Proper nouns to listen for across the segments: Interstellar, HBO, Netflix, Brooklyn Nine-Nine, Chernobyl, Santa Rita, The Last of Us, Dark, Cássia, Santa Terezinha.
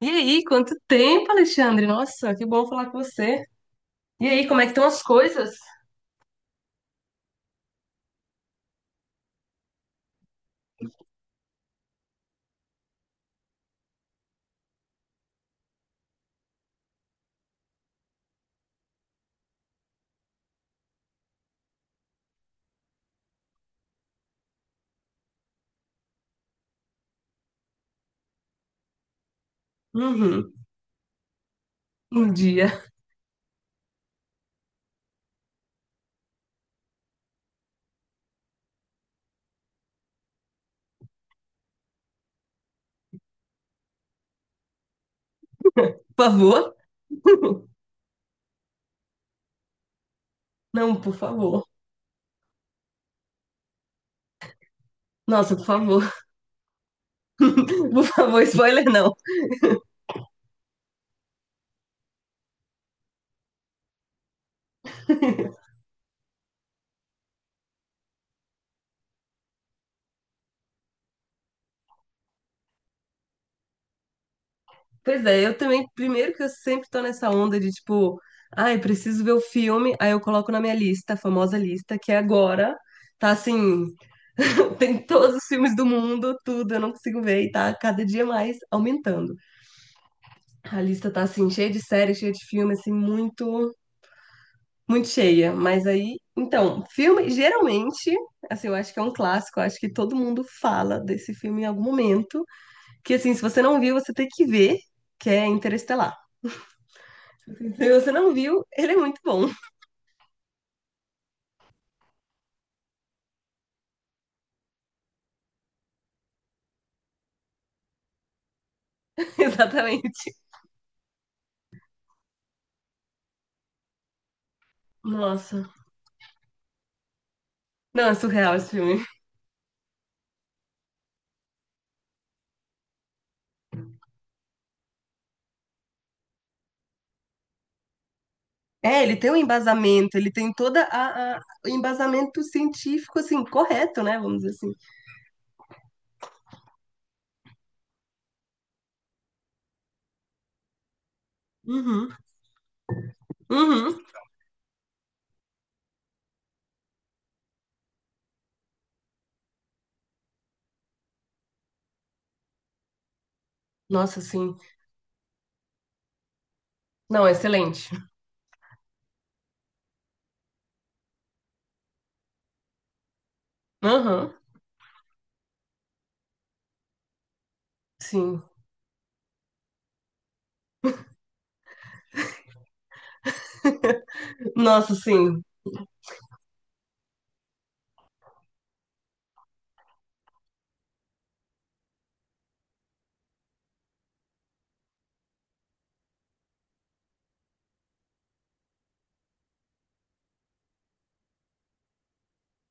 E aí, quanto tempo, Alexandre? Nossa, que bom falar com você. E aí, como é que estão as coisas? Uhum. Um dia. Por favor? Não, por favor. Nossa, por favor. Por favor, spoiler não. Pois é, eu também, primeiro que eu sempre tô nessa onda de tipo, ai, preciso ver o filme, aí eu coloco na minha lista, a famosa lista, que é agora tá assim, tem todos os filmes do mundo, tudo, eu não consigo ver e tá cada dia mais aumentando. A lista tá assim, cheia de séries, cheia de filme, assim, muito cheia, mas aí, então, filme, geralmente, assim, eu acho que é um clássico, eu acho que todo mundo fala desse filme em algum momento, que assim, se você não viu, você tem que ver, que é Interestelar. Se você não viu, ele é muito bom, exatamente. Nossa, não, é surreal esse filme. É, ele tem um embasamento, ele tem toda o embasamento científico, assim, correto, né, vamos dizer assim. Uhum, uhum. Nossa, sim. Não, excelente. Uhum, sim. Nossa, sim.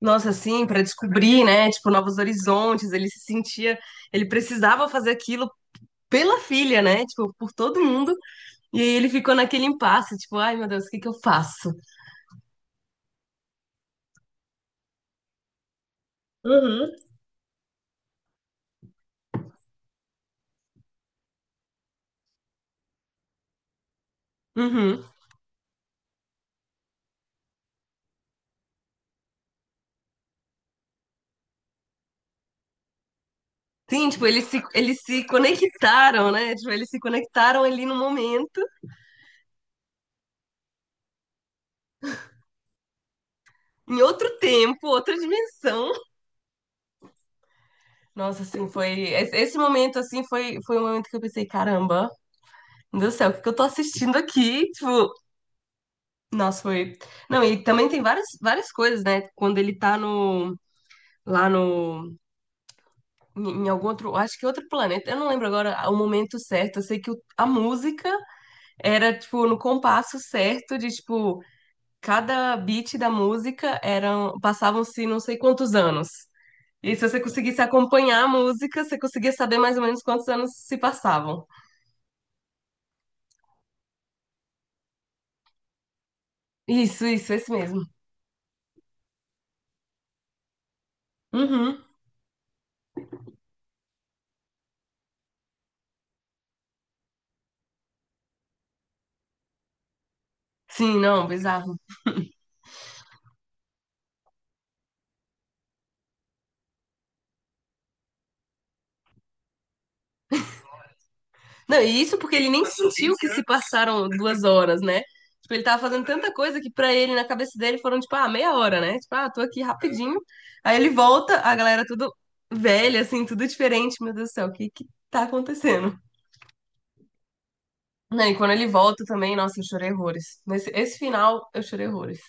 Nossa, assim, para descobrir, né, tipo, novos horizontes, ele se sentia, ele precisava fazer aquilo pela filha, né, tipo, por todo mundo, e aí ele ficou naquele impasse, tipo, ai meu Deus, o que que eu faço? Uhum. Uhum. Sim, tipo, eles se conectaram, né, tipo, eles se conectaram ali no momento, em outro tempo, outra dimensão. Nossa, assim, foi, esse momento, assim, foi um momento que eu pensei, caramba, meu Deus do céu, o que que eu tô assistindo aqui? Tipo, nossa, foi. Não, e também tem várias, várias coisas, né? Quando ele tá no. Lá no. Em algum outro. Acho que outro planeta. Eu não lembro agora o momento certo. Eu sei que a música era, tipo, no compasso certo de, tipo, cada beat da música eram. Passavam-se não sei quantos anos. E aí, se você conseguisse acompanhar a música, você conseguia saber mais ou menos quantos anos se passavam. Isso, esse mesmo. Uhum. Sim, não, bizarro. Não, e isso porque ele nem sentiu que se passaram duas horas, né? Tipo, ele tava fazendo tanta coisa que pra ele, na cabeça dele, foram, tipo, ah, meia hora, né? Tipo, ah, tô aqui rapidinho. Aí ele volta, a galera tudo velha, assim, tudo diferente. Meu Deus do céu, o que que tá acontecendo? Não, e quando ele volta também, nossa, eu chorei horrores. Nesse, esse final, eu chorei horrores.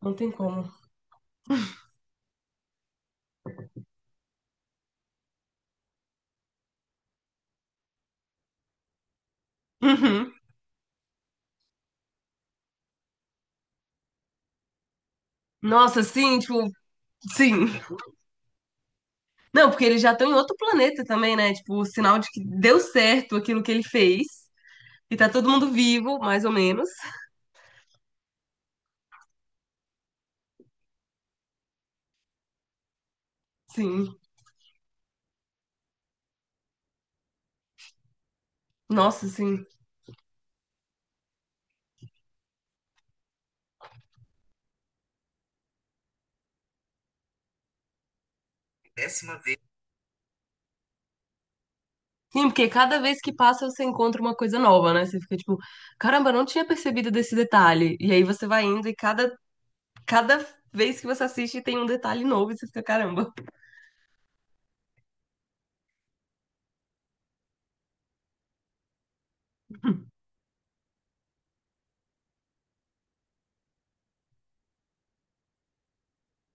Não tem como. Uhum. Nossa, sim, tipo, sim. Não, porque eles já estão em outro planeta também, né? Tipo, o sinal de que deu certo aquilo que ele fez. E tá todo mundo vivo, mais ou menos. Sim. Nossa, sim. Sim, porque cada vez que passa você encontra uma coisa nova, né? Você fica tipo, caramba, eu não tinha percebido desse detalhe. E aí você vai indo e cada, cada vez que você assiste tem um detalhe novo e você fica, caramba.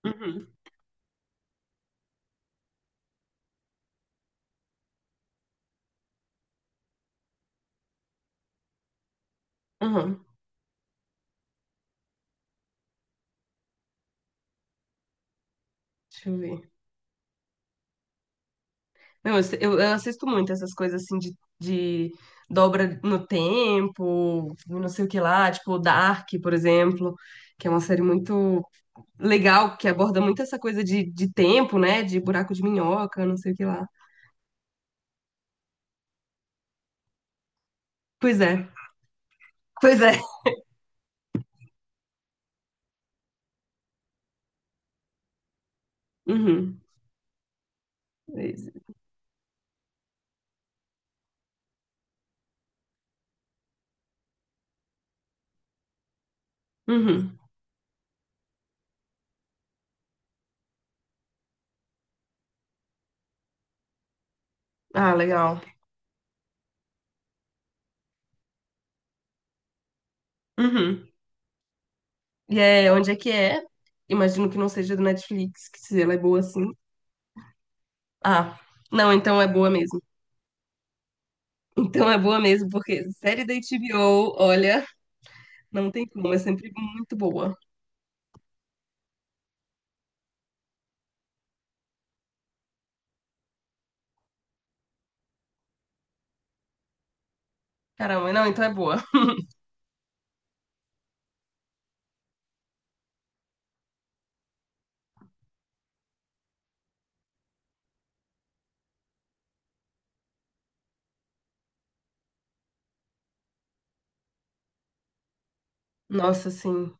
Uhum. Uhum. Deixa eu ver. Não, eu assisto muito essas coisas assim de dobra no tempo, não sei o que lá, tipo Dark, por exemplo, que é uma série muito legal, que aborda muito essa coisa de tempo, né? De buraco de minhoca, não sei o que lá. Pois é. Pois é. Uhum. É. Uhum. Ah, legal. Uhum. E é, onde é que é? Imagino que não seja do Netflix, que se ela é boa assim. Ah, não, então é boa mesmo. Então é boa mesmo, porque série da HBO, olha, não tem como, é sempre muito boa. Caramba, não, então é boa. Nossa, sim.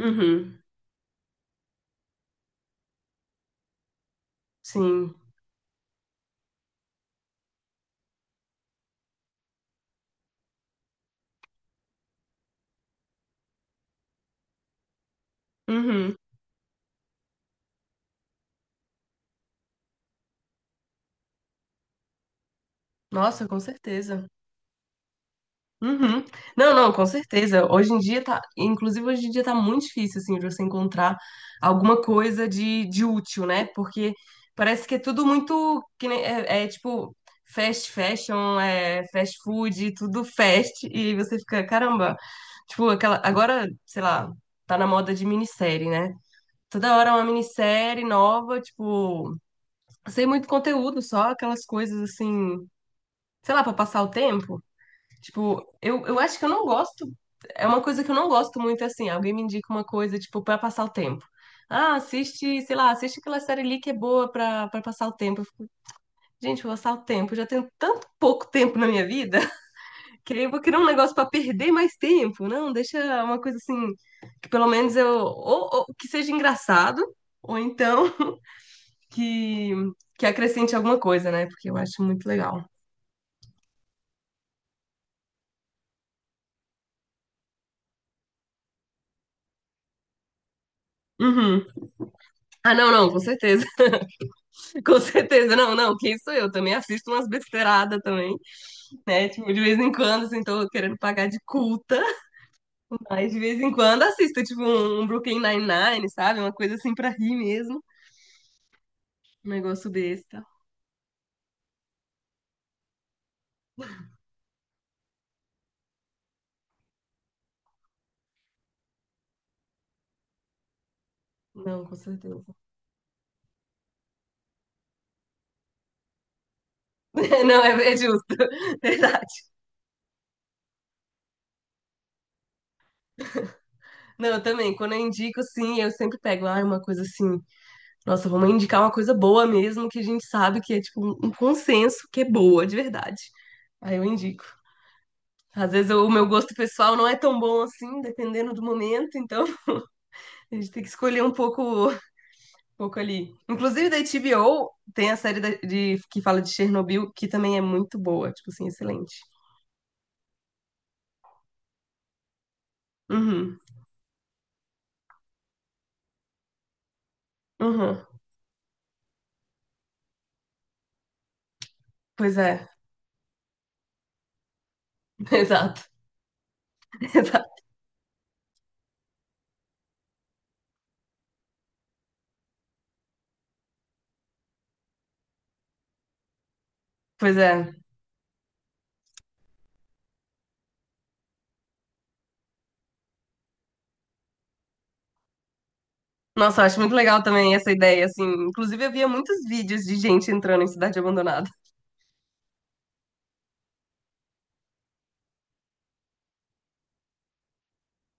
Uhum. Sim. Uhum. Nossa, com certeza. Uhum. Não, não, com certeza. Hoje em dia tá, inclusive hoje em dia tá muito difícil assim de você encontrar alguma coisa de útil, né? Porque parece que é tudo muito que nem- é tipo fast fashion, é fast food, tudo fast e aí você fica, caramba. Tipo, aquela agora, sei lá, tá na moda de minissérie, né? Toda hora é uma minissérie nova, tipo, sem muito conteúdo, só aquelas coisas assim, sei lá, pra passar o tempo. Tipo, eu acho que eu não gosto. É uma coisa que eu não gosto muito assim. Alguém me indica uma coisa, tipo, pra passar o tempo. Ah, assiste, sei lá, assiste aquela série ali que é boa pra, pra passar o tempo. Eu fico, gente, vou passar o tempo. Eu já tenho tanto pouco tempo na minha vida que aí eu vou criar um negócio pra perder mais tempo. Não, deixa uma coisa assim, que pelo menos eu. Ou que seja engraçado, ou então que, que acrescente alguma coisa, né? Porque eu acho muito legal. Uhum. Ah, não, não, com certeza. Com certeza, não, não, quem sou eu? Também assisto umas besteiradas também, né? Tipo, de vez em quando, assim, tô querendo pagar de culta, mas de vez em quando assisto, tipo, um Brooklyn Nine-Nine, sabe? Uma coisa assim pra rir mesmo, um negócio desse, tá? Não, com certeza. Não, é justo, verdade. Não, eu também, quando eu indico, assim, eu sempre pego, ah, uma coisa assim, nossa, vamos indicar uma coisa boa mesmo, que a gente sabe que é, tipo, um consenso que é boa, de verdade. Aí eu indico. Às vezes o meu gosto pessoal não é tão bom assim, dependendo do momento, então a gente tem que escolher um pouco ali. Inclusive da HBO tem a série de, que fala de Chernobyl, que também é muito boa, tipo assim, excelente. Uhum, uhum. Pois é, exato, exato. Pois é. Nossa, eu acho muito legal também essa ideia, assim. Inclusive eu via muitos vídeos de gente entrando em cidade abandonada.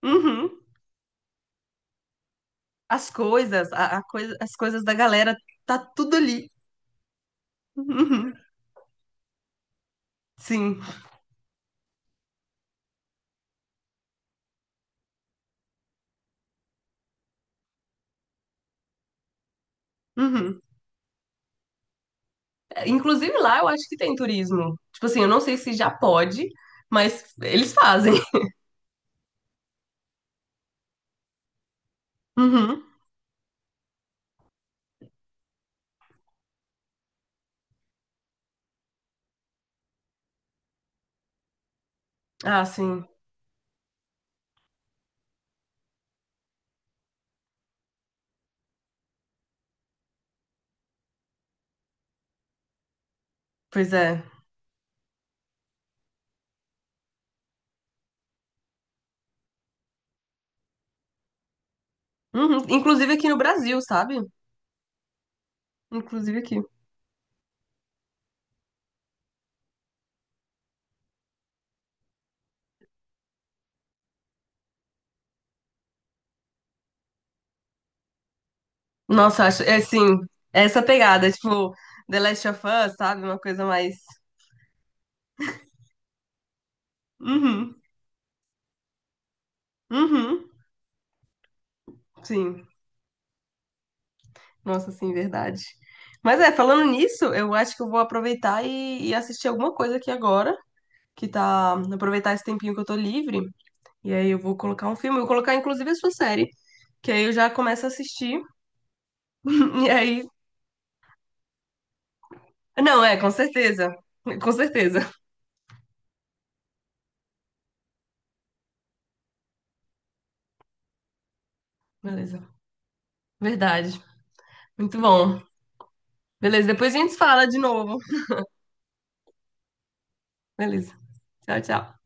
Uhum. As coisas, as coisas da galera, tá tudo ali. Uhum. Sim. Uhum. Inclusive lá eu acho que tem turismo. Tipo assim, eu não sei se já pode, mas eles fazem. Uhum. Ah, sim. Pois é. Uhum. Inclusive aqui no Brasil, sabe? Inclusive aqui. Nossa, eu acho. É assim, é essa pegada, tipo, The Last of Us, sabe? Uma coisa mais. Uhum. Uhum. Sim. Nossa, sim, verdade. Mas é, falando nisso, eu acho que eu vou aproveitar e assistir alguma coisa aqui agora, que tá. Aproveitar esse tempinho que eu tô livre. E aí eu vou colocar um filme, eu vou colocar inclusive a sua série. Que aí eu já começo a assistir. E aí. Não, é, com certeza. Com certeza. Beleza. Verdade. Muito bom. Beleza, depois a gente fala de novo. Beleza. Tchau, tchau.